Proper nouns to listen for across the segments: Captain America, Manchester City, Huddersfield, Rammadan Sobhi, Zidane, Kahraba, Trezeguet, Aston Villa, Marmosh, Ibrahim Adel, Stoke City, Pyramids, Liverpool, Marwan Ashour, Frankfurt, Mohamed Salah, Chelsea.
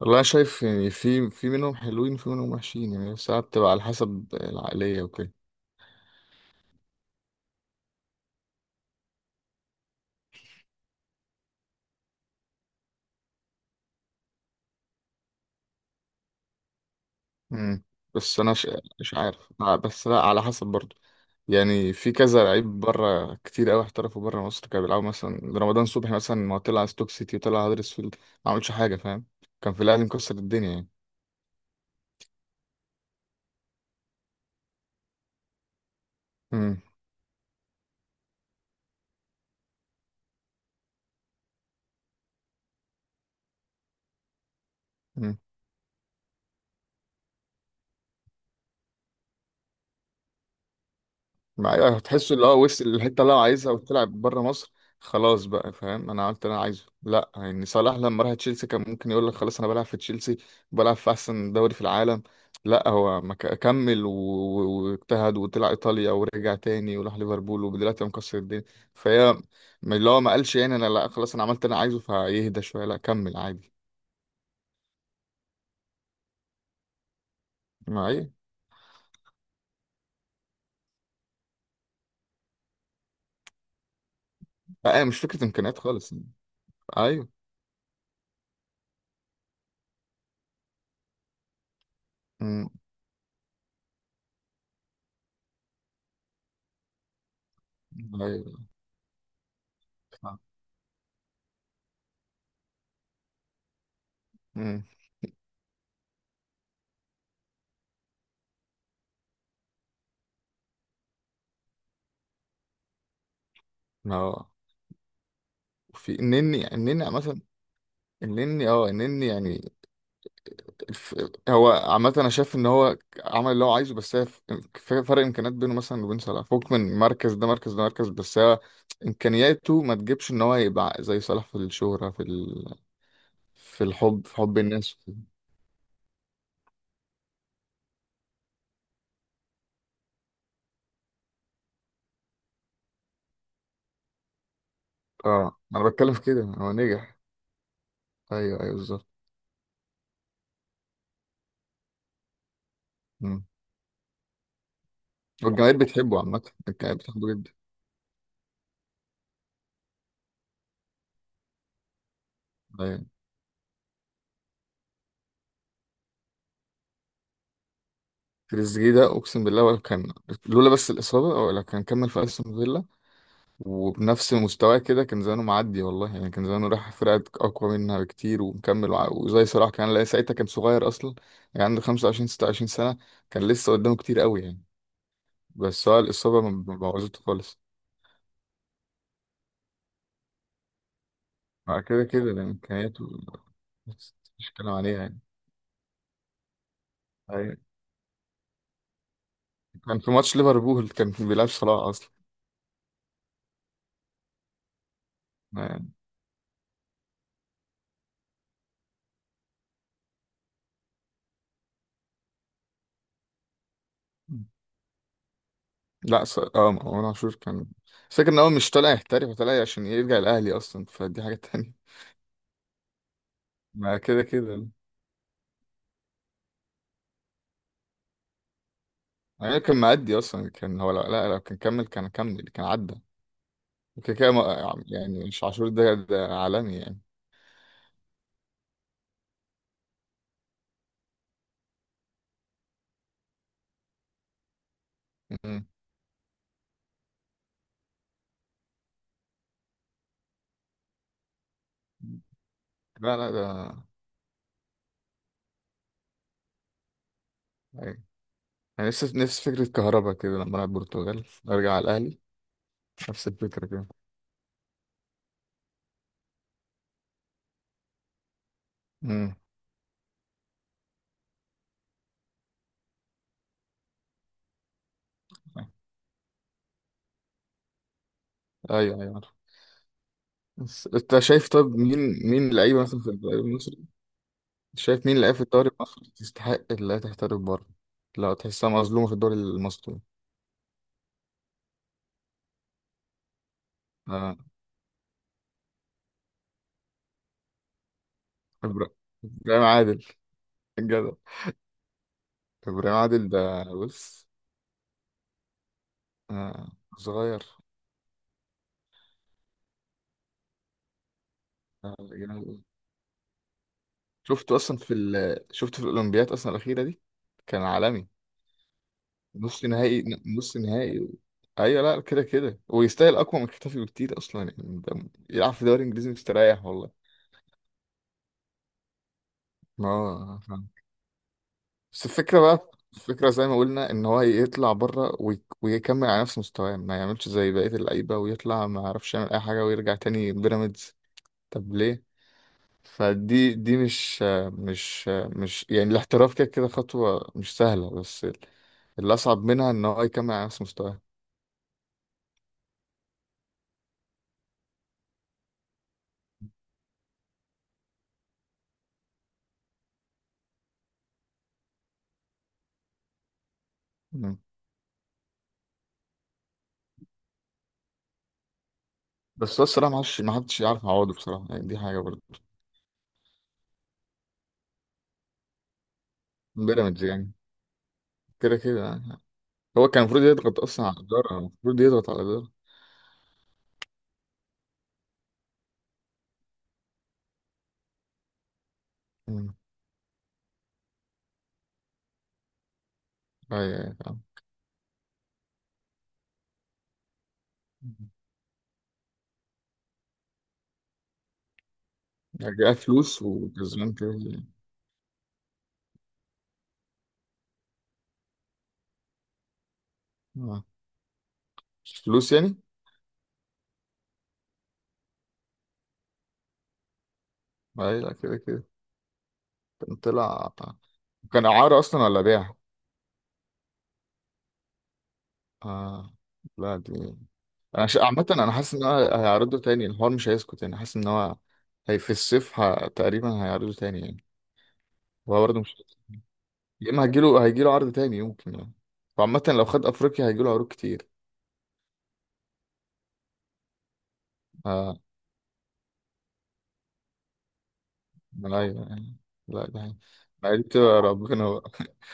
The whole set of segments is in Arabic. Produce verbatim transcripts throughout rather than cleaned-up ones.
والله أنا شايف يعني في في منهم حلوين وفي منهم وحشين يعني، ساعات بتبقى على حسب العقلية وكده. امم بس أنا ش... مش عارف، آه، بس لا، على حسب برضه. يعني في كذا لعيب بره كتير قوي احترفوا بره مصر، كانوا بيلعبوا مثلا رمضان صبحي مثلا. ما هو طلع ستوك سيتي وطلع هدرسفيلد، ما عملش حاجة، فاهم؟ كان في الأهلي مكسر الدنيا يعني. امم ما أيوة، هتحس اللي هو وصل الحته اللي هو عايزها وتلعب بره مصر، خلاص بقى، فاهم؟ انا عملت اللي انا عايزه. لا يعني صلاح لما راح تشيلسي كان ممكن يقول لك خلاص انا بلعب في تشيلسي، بلعب في احسن دوري في العالم. لا، هو ما ك- كمل و- و- واجتهد، وطلع ايطاليا ورجع تاني وراح ليفربول ودلوقتي هو مكسر الدنيا. فهي ما- اللي هو ما قالش يعني انا لا، خلاص انا عملت اللي انا عايزه فيهدى شويه، لا كمل عادي. ما ايه. لا، مش فكره امكانيات خالص يعني. ايوه. امم. ايوه. امم. اه. في النني، النني عامة. النني، اه النني يعني، الف... هو عامة انا شايف ان هو عمل اللي هو عايزه، بس هي ف- في فرق امكانيات بينه مثلا وبين صلاح، فوق من مركز ده مركز ده مركز، بس هو امكانياته ما تجيبش ان هو يبقى زي صلاح في الشهرة، في ال... في الحب، في حب الناس. اه انا بتكلم في كده، هو نجح. ايوه ايوه بالظبط. مم. والجماهير بتحبه عامة. الجماهير بتحبه جدا. ايوه. تريزيجيه ده اقسم بالله ولا كان، لولا بس الاصابة ولا كان كمل في استون فيلا وبنفس مستواه كده، كان زمانه معدي والله يعني. كان زمانه راح فرقة أقوى منها بكتير ومكمل، وع- وزي صلاح كان. لا، ساعتها كان صغير أصلا، يعني عنده خمسة وعشرين ستة وعشرين سنة، كان لسه قدامه كتير قوي يعني. بس هو الإصابة ما ما بوظته خالص. مع كده كده، ده إمكانياته، بس مش كلام عليها يعني. أيوة. كان في ماتش ليفربول، كان بيلعب صلاح أصلا. يعني. لا ص... اه مروان عاشور، كان فكرة إن هو مش طالع يحترف، طالع عشان يرجع الأهلي أصلا، فدي حاجة تانية. مع كده كده يعني، كان معدي اصلا. كان هو لو لا، لو كان كمل كان كمل كان عدى، وكده كده. ما- يعني مش عاشور ده ده عالمي يعني. مم. لا لا، ده أيوة. يعني نفس نفس فكرة كهربا كده، لما ألعب البرتغال أرجع على الأهلي، نفس الفكرة كده. مم. أيوه أيوه عارف. بس أنت شايف، طب مين، مين لعيبة مثلا في الدوري المصري، شايف مين لعيبة في الدوري المصري تستحق اللي هي تحترف بره؟ لا، تحسها مظلومة في الدوري المصري. آه. إبرا- إبراهيم عادل، الجدع. إبراهيم عادل ده، بص. آه. صغير. آه. جميل. شفته اصلا في ال... شفته في الاولمبياد اصلا الاخيره دي، كان عالمي. نص نهائي. نص نهائي و... ايوه، لا كده كده، ويستاهل اقوى من كتافي بكتير اصلا، يعني يعني ده يلعب في دوري انجليزي مستريح والله. اه فاهم. بس الفكره بقى، الفكره زي ما قلنا، ان هو يطلع بره وي... ويكمل على نفس مستواه، ما يعملش زي بقيه اللعيبه ويطلع ما يعرفش يعمل اي حاجه ويرجع تاني بيراميدز. طب ليه؟ فدي دي مش، مش مش يعني الاحتراف كده كده خطوة مش سهلة، بس اللي أصعب منها إن هو يكمل على نفس مستواه. مم. بس هو الصراحة محدش محدش يعرف يعوضه بصراحة يعني، دي حاجة برضه. بيراميدز يعني. كده كده يعني. هو كان المفروض يضغط أصلا على الإدارة، المفروض يضغط على الإدارة. مم. أيوة أيوة فاهم. مم. يعني جاء فلوس وكسبان كده يعني. آه. فلوس يعني؟ أيوة كده كده. كان طلع. كان إعارة أصلا ولا بيع؟ آه. لا دي، انا ش... عامة انا حاسس ان هو هيعرضه تاني، الحوار مش هيسكت يعني، حاسس ان هو هي في الصيف ه... تقريبا هيعرضه تاني يعني. هو برضه مش، يا اما هيجيله هيجيله عرض تاني يمكن يعني، وعامة لو خد افريقيا هيجيله عروض كتير. آه. لا يعني. لا ده هي- ما دي بتبقى ربنا بقى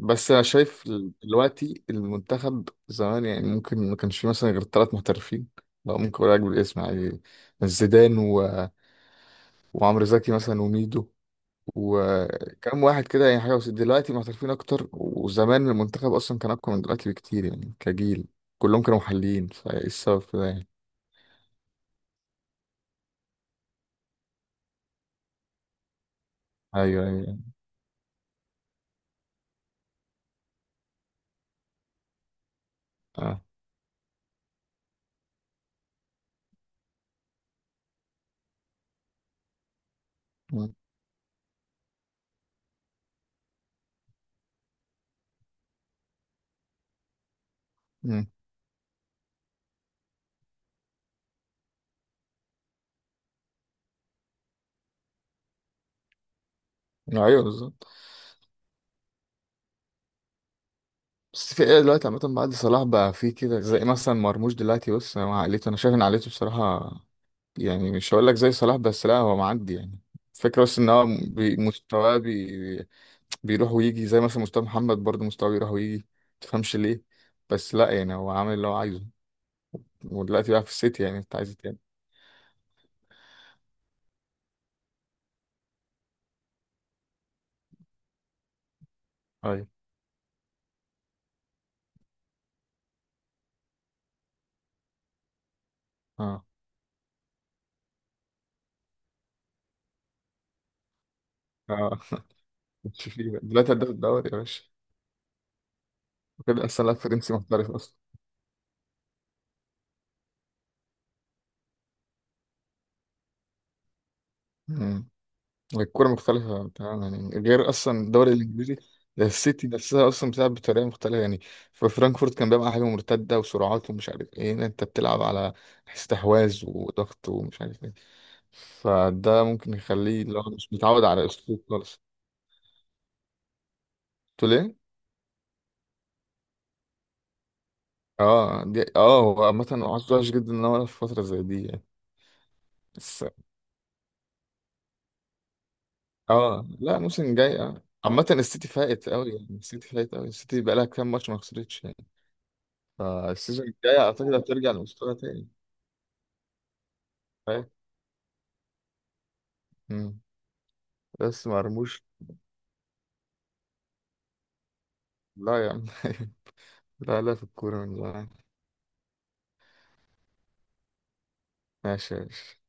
بس انا شايف ال- دلوقتي المنتخب زمان يعني ممكن ما كانش فيه مثلا غير ثلاث محترفين، لو ممكن اقول لك بالاسم يعني: زيدان و... وعمرو زكي مثلا وميدو وكم واحد كده يعني، حاجة. بس دلوقتي محترفين أكتر، وزمان المنتخب أصلا كان أقوى من دلوقتي بكتير يعني كجيل، كلهم كانوا محليين. فإيه السبب في ده يعني؟ أيوه أيوه. أه. مم. مم. أيوه بالظبط. بس في إيه دلوقتي عامة بعد صلاح بقى، في كده زي مثلا مرموش دلوقتي، بص، مع عقليته أنا شايف إن عقليته بصراحة يعني مش هقول لك زي صلاح، بس لا هو معدي يعني. فكرة بس إن هو بي- مستواه بي... بيروح ويجي، زي مثلا مستوى محمد برضه، مستواه بيروح ويجي، متفهمش ليه. بس لا يعني هو عامل اللي هو عايزه، ودلوقتي بقى في السيتي، يعني انت عايز إيه تاني؟ ايوه. اه. اه مش فيه بقى. دلوقتي هداف الدوري يا باشا. وكده اصلا لاعب فرنسي محترف اصلا. مم. الكوره مختلفه تمام يعني، غير اصلا الدوري الانجليزي ده، السيتي نفسها اصلا بتلعب بطريقه مختلفه يعني. في فرانكفورت كان بيلعب على حاجه مرتده وسرعات ومش عارف ايه، هنا انت بتلعب على استحواذ وضغط ومش عارف ايه، فده ممكن يخليه لو مش متعود على اسلوب خالص. تقول ايه؟ اه دي، اه هو عامه عذره وحش جدا ان هو يلعب في فتره زي دي يعني. بس اه لا، موسم جاي. اه عامة السيتي فايت قوي يعني، السيتي فايت قوي، السيتي بقالها كام ماتش ما خسرتش يعني. فالسيزون الجاي اعتقد هترجع لمستوى تاني. فاهم. مم. بس مرموش. لا يا عم لا لا، في الكورة من زمان. ماشي يا باشا.